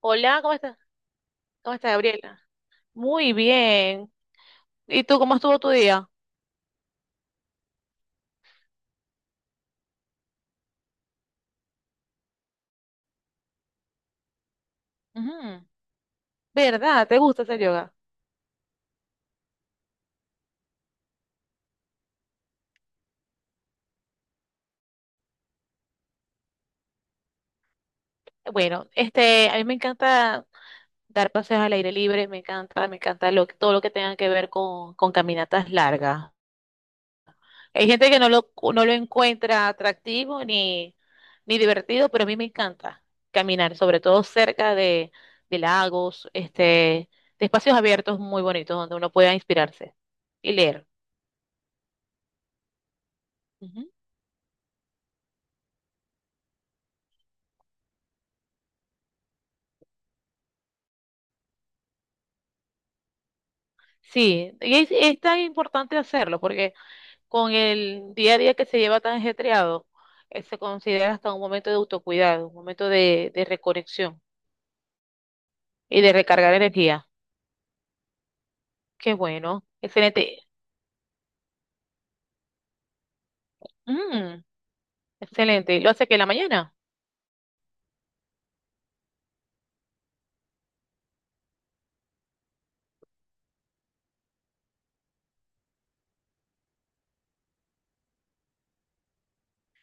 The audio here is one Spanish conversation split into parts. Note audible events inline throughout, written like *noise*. Hola, ¿cómo estás? ¿Cómo estás, Gabriela? Muy bien. ¿Y tú cómo estuvo tu día? Ujú. ¿Verdad? ¿Te gusta hacer yoga? Bueno, a mí me encanta dar paseos al aire libre, me encanta todo lo que tenga que ver con caminatas largas. Hay gente que no lo encuentra atractivo ni divertido, pero a mí me encanta caminar, sobre todo cerca de lagos, de espacios abiertos muy bonitos donde uno pueda inspirarse y leer. Sí, y es tan importante hacerlo porque con el día a día que se lleva tan ajetreado, se considera hasta un momento de autocuidado, un momento de reconexión y de recargar energía. Qué bueno, excelente. Mm, excelente. ¿Lo hace que en la mañana?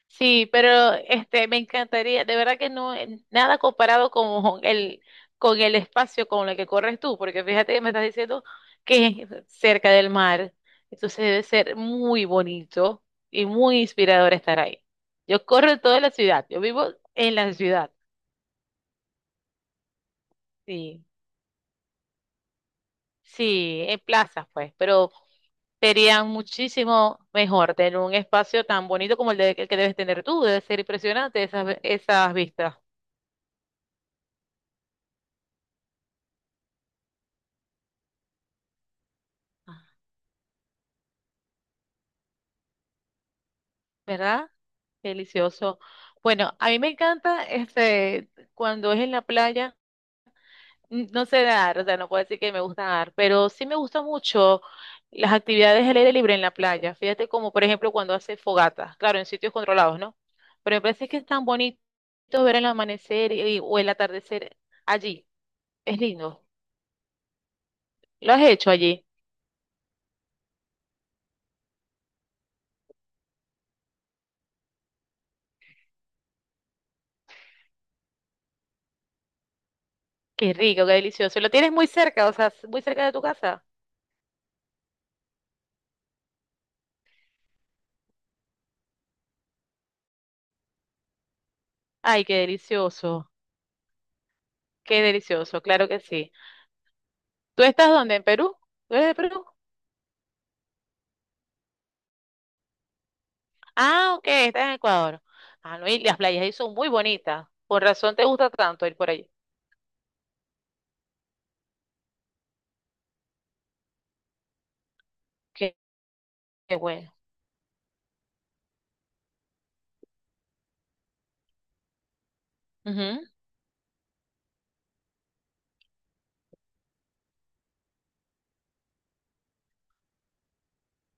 Sí, pero me encantaría, de verdad que no, nada comparado con el espacio con el que corres tú, porque fíjate que me estás diciendo que es cerca del mar, entonces debe ser muy bonito y muy inspirador estar ahí. Yo corro en toda la ciudad, yo vivo en la ciudad, sí, sí, en plazas pues, pero sería muchísimo mejor tener un espacio tan bonito como el que debes tener tú, debe ser impresionante esas vistas. ¿Verdad? Delicioso. Bueno, a mí me encanta cuando es en la playa, no sé nadar, o sea, no puedo decir que me gusta nadar, pero sí me gusta mucho las actividades al aire libre en la playa. Fíjate como por ejemplo cuando hace fogata, claro, en sitios controlados, ¿no? Pero me parece que es tan bonito ver el amanecer o el atardecer allí. Es lindo. ¿Lo has hecho allí? Qué rico, qué delicioso. Lo tienes muy cerca, o sea, muy cerca de tu casa. Ay, qué delicioso, claro que sí. ¿Tú estás dónde? ¿En Perú? ¿Tú eres de Perú? Ah, ok, estás en Ecuador. Ah, no, y las playas ahí son muy bonitas. Por razón te gusta tanto ir por allí. Qué, qué bueno. Ujú.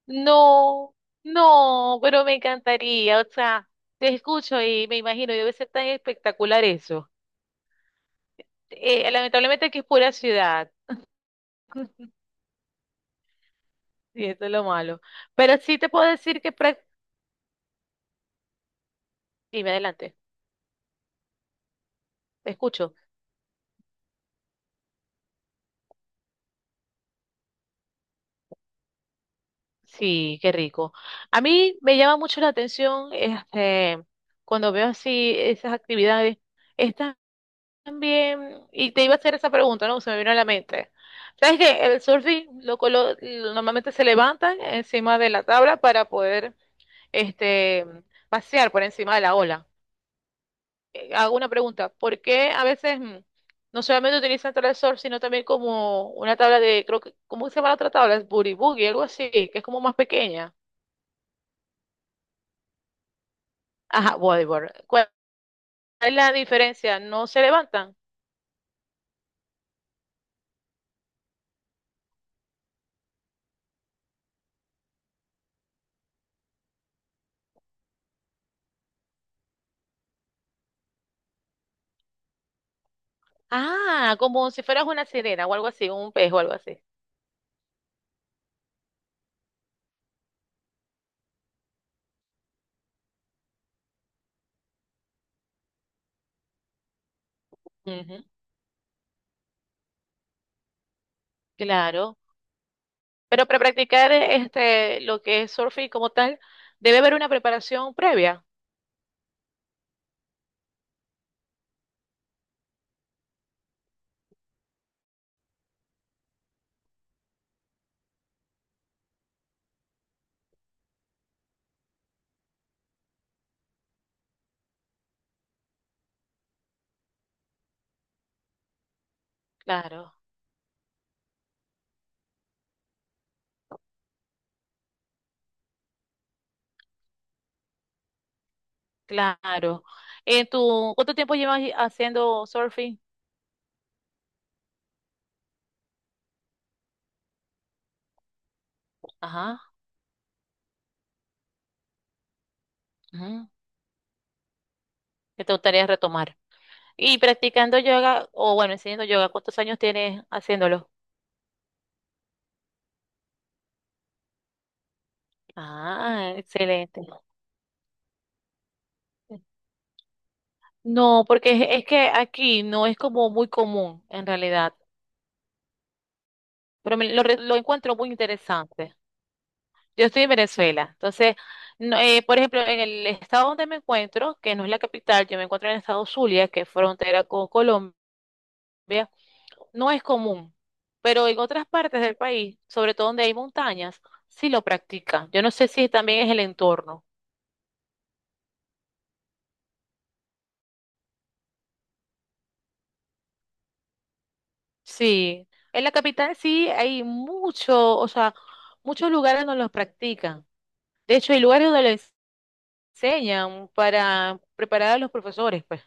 No, no, pero me encantaría. O sea, te escucho y me imagino, debe ser tan espectacular eso. Lamentablemente aquí es pura ciudad, y esto es lo malo. Pero sí te puedo decir que... Dime adelante, te escucho. Sí, qué rico. A mí me llama mucho la atención cuando veo así esas actividades. Están bien, y te iba a hacer esa pregunta, ¿no? Se me vino a la mente. ¿Sabes que el surfing normalmente se levantan encima de la tabla para poder este, pasear por encima de la ola? Hago una pregunta, ¿por qué a veces no solamente utilizan tabla de surf, sino también como una tabla de, creo que, ¿cómo se llama la otra tabla? Es boogie boogie, algo así, que es como más pequeña. Ajá, bodyboard. ¿Cuál es la diferencia? ¿No se levantan? Ah, como si fueras una sirena o algo así, un pez o algo así. Ujú, claro. Pero para practicar lo que es surfing como tal, debe haber una preparación previa. Claro, claro. ¿Cuánto tiempo llevas haciendo surfing? Ajá, ujú, que te gustaría retomar. Y practicando yoga, o bueno, enseñando yoga, ¿cuántos años tienes haciéndolo? Ah, excelente. No, porque es que aquí no es como muy común en realidad, pero lo encuentro muy interesante. Yo estoy en Venezuela, entonces, no, por ejemplo, en el estado donde me encuentro, que no es la capital, yo me encuentro en el estado Zulia, que es frontera con Colombia, no es común, pero en otras partes del país, sobre todo donde hay montañas, sí lo practican. Yo no sé si también es el entorno. Sí, en la capital sí hay mucho, o sea, muchos lugares donde los practican. De hecho, hay lugares donde le enseñan para preparar a los profesores, pues,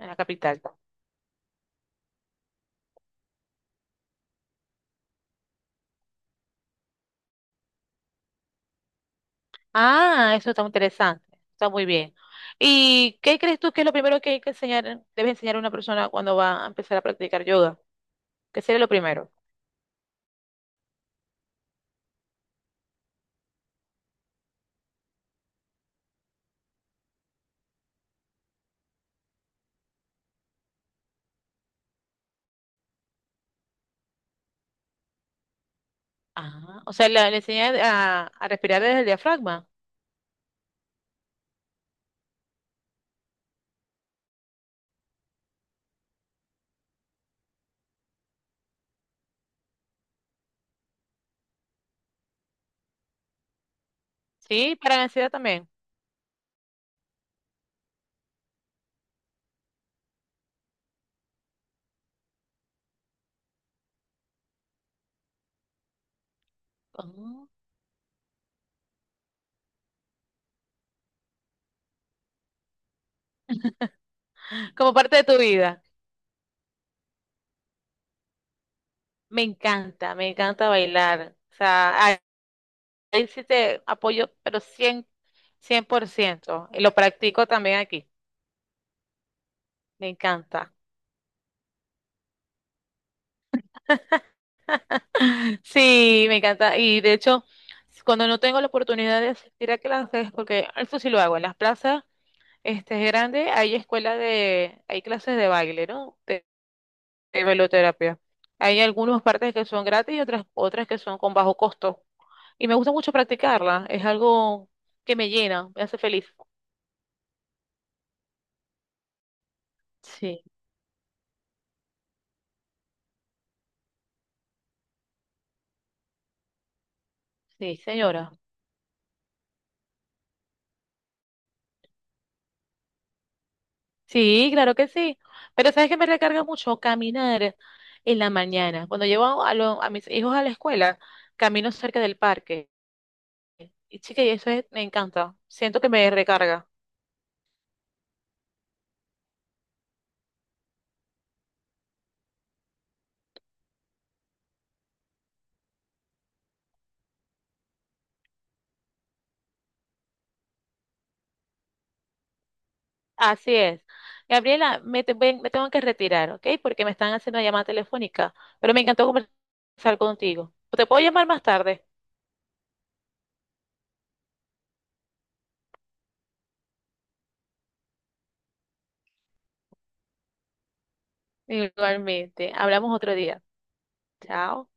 en la capital. Ah, eso está muy interesante, está muy bien. ¿Y qué crees tú que es lo primero que hay que enseñar, debe enseñar a una persona cuando va a empezar a practicar yoga? ¿Qué sería lo primero? Ah, o sea, le enseñan a, respirar desde el diafragma, ¿sí? Para la ansiedad también. Ah. *laughs* Como parte de tu vida. Me encanta bailar. O sea, ahí sí te apoyo, pero cien por ciento y lo practico también aquí. Me encanta. *laughs* Sí, me encanta. Y de hecho, cuando no tengo la oportunidad de asistir a clases, porque eso sí lo hago, en las plazas grandes hay clases de baile, ¿no? De bailoterapia. Hay algunas partes que son gratis y otras que son con bajo costo. Y me gusta mucho practicarla. Es algo que me llena, me hace feliz. Sí, sí, señora. Sí, claro que sí. Pero sabes que me recarga mucho caminar en la mañana. Cuando llevo a, a mis hijos a la escuela, camino cerca del parque. Y chica, y eso me encanta. Siento que me recarga. Así es. Gabriela, me tengo que retirar, ¿ok? Porque me están haciendo una llamada telefónica. Pero me encantó conversar contigo. ¿Te puedo llamar más tarde? Igualmente. Hablamos otro día. Chao.